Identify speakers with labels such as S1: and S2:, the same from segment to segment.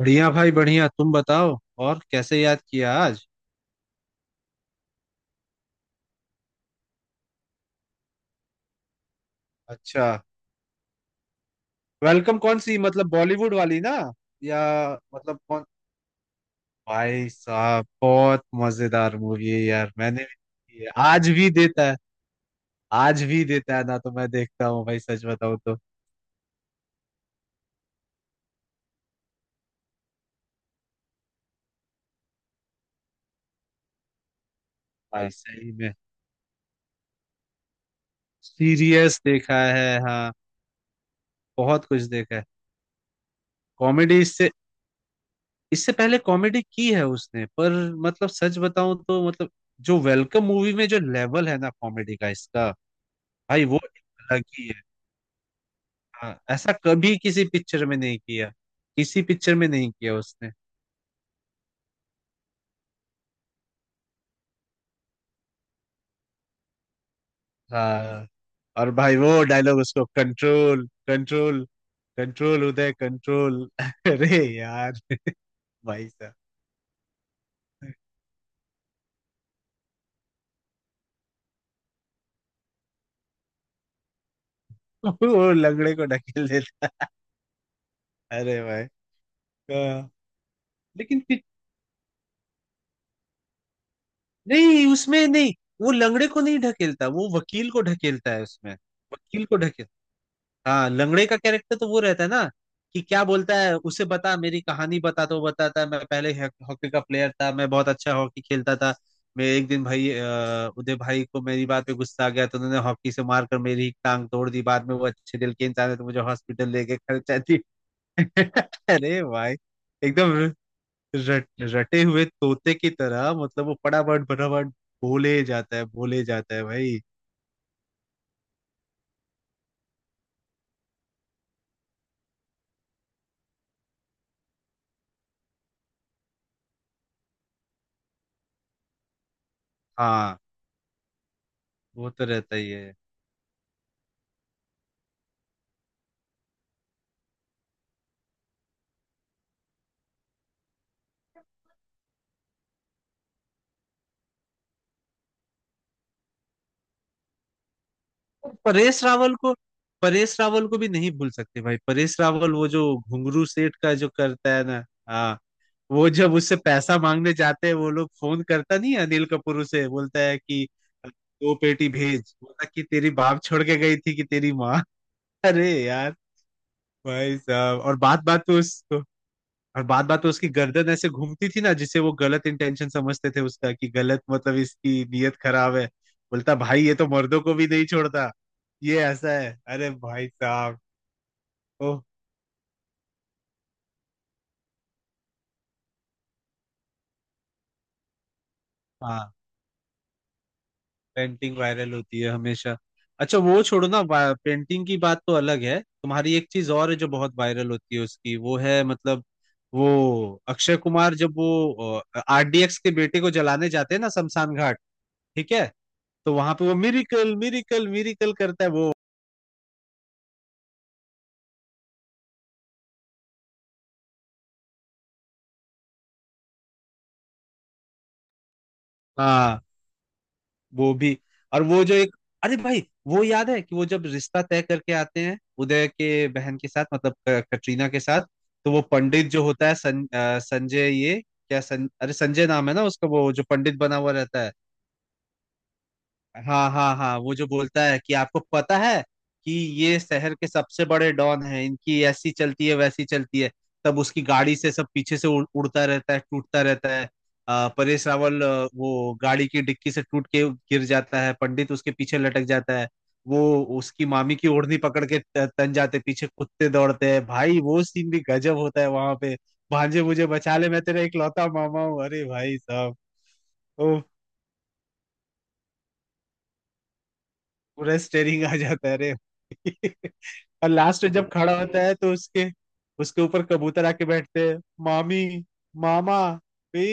S1: बढ़िया भाई बढ़िया। तुम बताओ। और कैसे याद किया आज? अच्छा। वेलकम कौन सी, मतलब बॉलीवुड वाली ना? या मतलब कौन? भाई साहब बहुत मजेदार मूवी है यार, मैंने भी देखी है। आज भी देता है। आज भी देता है ना तो मैं देखता हूँ भाई, सच बताऊँ तो। भाई सही में सीरियस देखा है, हाँ। बहुत कुछ देखा है। कॉमेडी इससे इससे पहले कॉमेडी की है उसने, पर मतलब सच बताऊं तो, मतलब जो वेलकम मूवी में जो लेवल है ना कॉमेडी का इसका, भाई वो एक अलग ही है। हाँ, ऐसा कभी किसी पिक्चर में नहीं किया। किसी पिक्चर में नहीं किया उसने। हाँ। और भाई वो डायलॉग उसको, control control control Uday control अरे यार। भाई साहब वो लंगड़े को ढकेल देता। अरे भाई, हाँ। लेकिन फिर- नहीं उसमें नहीं, वो लंगड़े को नहीं ढकेलता, वो वकील को ढकेलता है उसमें, वकील को ढकेल। हाँ लंगड़े का कैरेक्टर तो वो रहता है ना कि क्या बोलता है उसे, बता मेरी कहानी बता, तो वो बताता है मैं पहले हॉकी का प्लेयर था, मैं बहुत अच्छा हॉकी खेलता था। मैं एक दिन भाई, उदय भाई को मेरी बात पे गुस्सा आ गया तो उन्होंने हॉकी से मार कर मेरी टांग तोड़ दी, बाद में वो अच्छे दिल के इंसान है तो मुझे हॉस्पिटल लेके खर्चा दी। अरे भाई। एकदम रटे हुए तोते की तरह, मतलब वो पड़ाबड़ बड़ाबड़ बोले जाता है भाई। हाँ वो तो रहता ही है। परेश रावल को परेश रावल को भी नहीं भूल सकते भाई, परेश रावल वो जो घुंगरू सेठ का जो करता है ना। हाँ, वो जब उससे पैसा मांगने जाते हैं वो लोग, फोन करता नहीं है अनिल कपूर, उसे बोलता है कि दो पेटी भेज, बोला कि तेरी बाप छोड़ के गई थी कि तेरी माँ। अरे यार, भाई साहब। और बात बात में उसकी गर्दन ऐसे घूमती थी ना, जिसे वो गलत इंटेंशन समझते थे उसका, कि गलत मतलब इसकी नीयत खराब है। बोलता भाई ये तो मर्दों को भी नहीं छोड़ता, ये ऐसा है। अरे भाई साहब। ओह, हाँ पेंटिंग वायरल होती है हमेशा। अच्छा वो छोड़ो ना, पेंटिंग की बात तो अलग है, तुम्हारी एक चीज और है जो बहुत वायरल होती है उसकी, वो है मतलब वो अक्षय कुमार जब वो आरडीएक्स के बेटे को जलाने जाते हैं ना शमशान घाट, ठीक है? तो वहां पे वो मिरिकल मिरिकल मिरिकल करता है वो। हाँ वो भी। और वो जो एक, अरे भाई वो याद है कि वो जब रिश्ता तय करके आते हैं उदय के बहन के साथ, मतलब कटरीना के साथ। तो वो पंडित जो होता है सं, अ, संजय ये क्या सं, अरे संजय नाम है ना उसका, वो जो पंडित बना हुआ रहता है। हाँ हाँ हाँ। वो जो बोलता है कि आपको पता है कि ये शहर के सबसे बड़े डॉन हैं, इनकी ऐसी चलती है वैसी चलती है। तब उसकी गाड़ी से सब पीछे से उड़ता रहता है, टूटता रहता है। परेश रावल, वो गाड़ी की डिक्की से टूट के गिर जाता है, पंडित उसके पीछे लटक जाता है। वो उसकी मामी की ओढ़नी पकड़ के तन जाते, पीछे कुत्ते दौड़ते हैं भाई, वो सीन भी गजब होता है वहां पे। भांजे मुझे बचा ले, मैं तेरा इकलौता मामा हूँ। अरे भाई साहब। पूरा स्टेरिंग आ जाता है अरे और लास्ट में जब खड़ा होता है तो उसके, उसके ऊपर कबूतर आके बैठते हैं। मामी, मामा भी।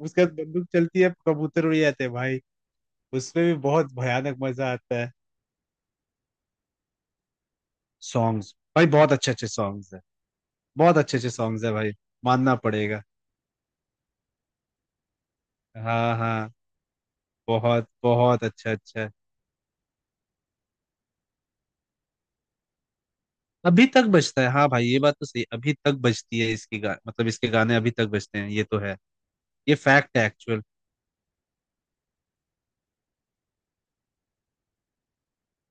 S1: उसके बाद बंदूक चलती है, कबूतर उड़ जाते हैं भाई। उसमें भी बहुत भयानक मजा आता है। सॉन्ग्स भाई बहुत अच्छे अच्छे सॉन्ग्स है। बहुत अच्छे अच्छे सॉन्ग्स है भाई, मानना पड़ेगा। हाँ हाँ। बहुत बहुत अच्छा अच्छा है। अभी तक बजता है हाँ भाई, ये बात तो सही, अभी तक बजती है इसकी गा मतलब इसके गाने अभी तक बजते हैं, ये तो है। ये फैक्ट है एक्चुअल।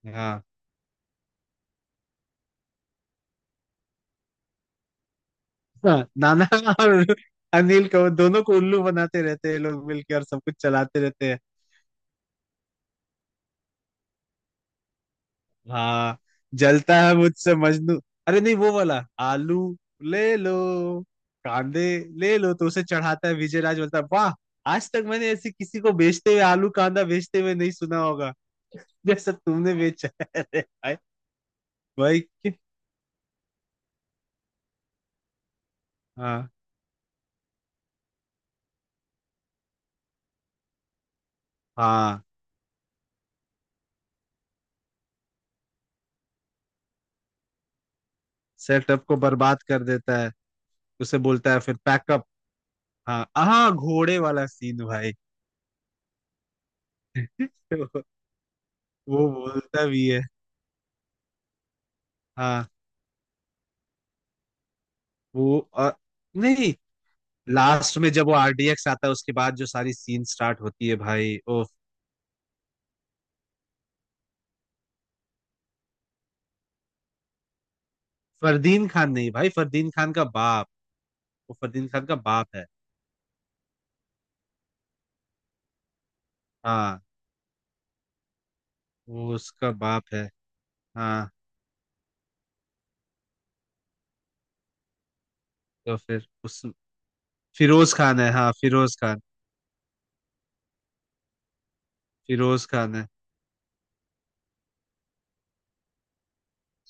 S1: हाँ हाँ। नाना और अनिल को, दोनों को उल्लू बनाते रहते हैं ये लोग मिलके और सब कुछ चलाते रहते हैं। हाँ। जलता है मुझसे मजनू। अरे नहीं, वो वाला आलू ले लो, कांदे ले लो, तो उसे चढ़ाता है विजय राज, बोलता है वाह, आज तक मैंने ऐसे किसी को बेचते हुए आलू कांदा बेचते हुए नहीं सुना होगा जैसा तुमने बेचा है। अरे भाई। भाई कि- हाँ हाँ। सेटअप को बर्बाद कर देता है, उसे बोलता है फिर पैकअप। हाँ हाँ घोड़े वाला सीन भाई वो बोलता भी है, हाँ। वो और नहीं, लास्ट में जब वो आरडीएक्स आता है उसके बाद जो सारी सीन स्टार्ट होती है भाई ओ। फरदीन खान नहीं भाई, फरदीन खान का बाप, वो फरदीन खान का बाप है। हाँ। वो उसका बाप है। हाँ। तो फिर उस फिरोज खान है, हाँ फिरोज खान, फिरोज खान है।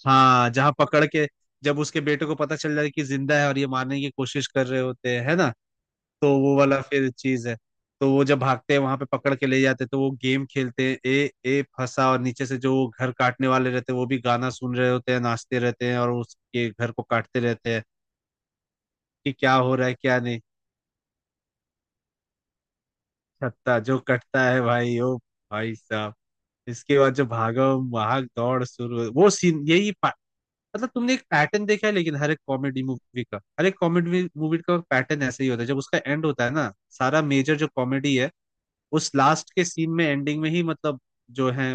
S1: हाँ जहाँ पकड़ के, जब उसके बेटे को पता चल जाए कि जिंदा है और ये मारने की कोशिश कर रहे होते हैं है ना, तो वो वाला फिर चीज है। तो वो जब भागते हैं वहां पे पकड़ के ले जाते हैं, तो वो गेम खेलते हैं ए ए फंसा, और नीचे से जो वो घर काटने वाले रहते हैं वो भी गाना सुन रहे होते हैं, नाचते रहते हैं और उसके घर को काटते रहते हैं, कि क्या हो रहा है क्या नहीं। छत्ता जो कटता है भाई ओ, भाई साहब। इसके बाद जो भागम भाग दौड़ शुरू हुई, वो सीन यही पा- मतलब तुमने एक पैटर्न देखा है, लेकिन हर एक कॉमेडी मूवी का हर एक कॉमेडी मूवी का पैटर्न ऐसे ही होता है, जब उसका एंड होता है ना, सारा मेजर जो कॉमेडी है उस लास्ट के सीन में एंडिंग में ही, मतलब जो है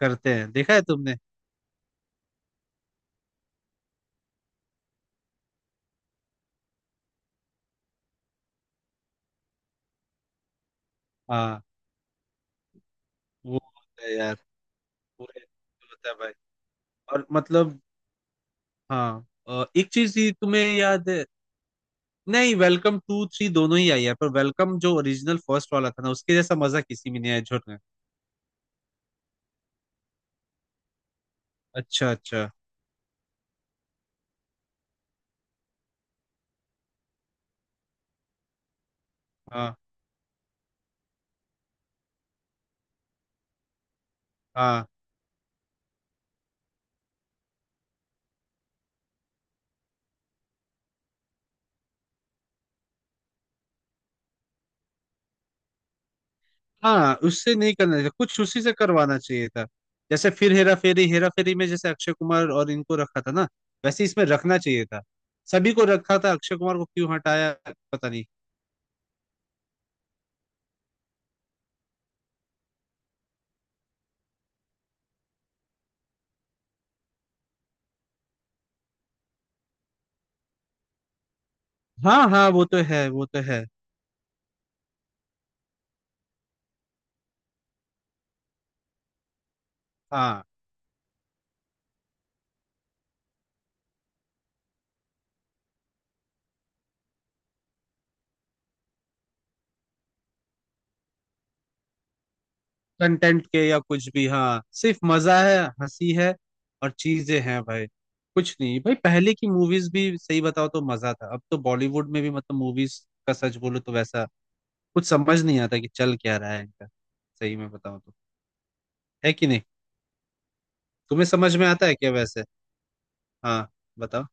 S1: करते हैं, देखा है तुमने? हाँ वो होता है यार, पूरे होता है भाई। और मतलब, हाँ एक चीज ही तुम्हें याद है। नहीं वेलकम टू थ्री दोनों ही आई है, पर वेलकम जो ओरिजिनल फर्स्ट वाला था ना उसके जैसा मजा किसी में नहीं आया झुर में। अच्छा अच्छा। हाँ हाँ हाँ। उससे नहीं करना चाहिए कुछ, उसी से करवाना चाहिए था, जैसे फिर हेरा फेरी, हेरा फेरी में जैसे अक्षय कुमार और इनको रखा था ना, वैसे इसमें रखना चाहिए था। सभी को रखा था, अक्षय कुमार को क्यों हटाया? पता नहीं। हाँ हाँ वो तो है, वो तो है। हाँ कंटेंट के या कुछ भी, हाँ सिर्फ मजा है, हंसी है और चीजें हैं भाई। कुछ नहीं भाई, पहले की मूवीज भी सही बताओ तो मजा था, अब तो बॉलीवुड में भी मतलब मूवीज का सच बोलो तो वैसा कुछ समझ नहीं आता कि चल क्या रहा है इनका, सही में बताओ तो, है कि नहीं? तुम्हें समझ में आता है क्या वैसे? हाँ बताओ।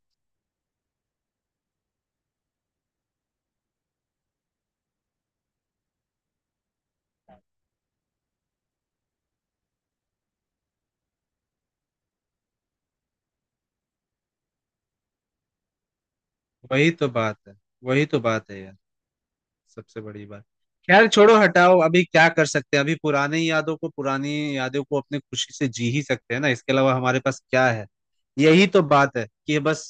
S1: वही तो बात है, वही तो बात है यार, सबसे बड़ी बात, खैर छोड़ो हटाओ, अभी क्या कर सकते हैं, अभी पुराने यादों को पुरानी यादों को अपने खुशी से जी ही सकते हैं ना, इसके अलावा हमारे पास क्या है। यही तो बात है कि बस,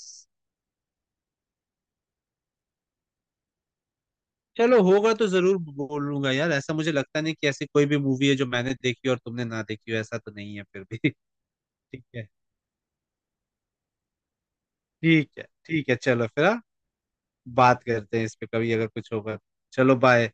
S1: चलो होगा तो जरूर बोलूंगा यार, ऐसा मुझे लगता नहीं कि ऐसी कोई भी मूवी है जो मैंने देखी हो और तुमने ना देखी हो, ऐसा तो नहीं है फिर भी ठीक है, ठीक है, ठीक है। चलो फिर, हाँ? बात करते हैं इस पे कभी अगर कुछ होगा तो। चलो बाय।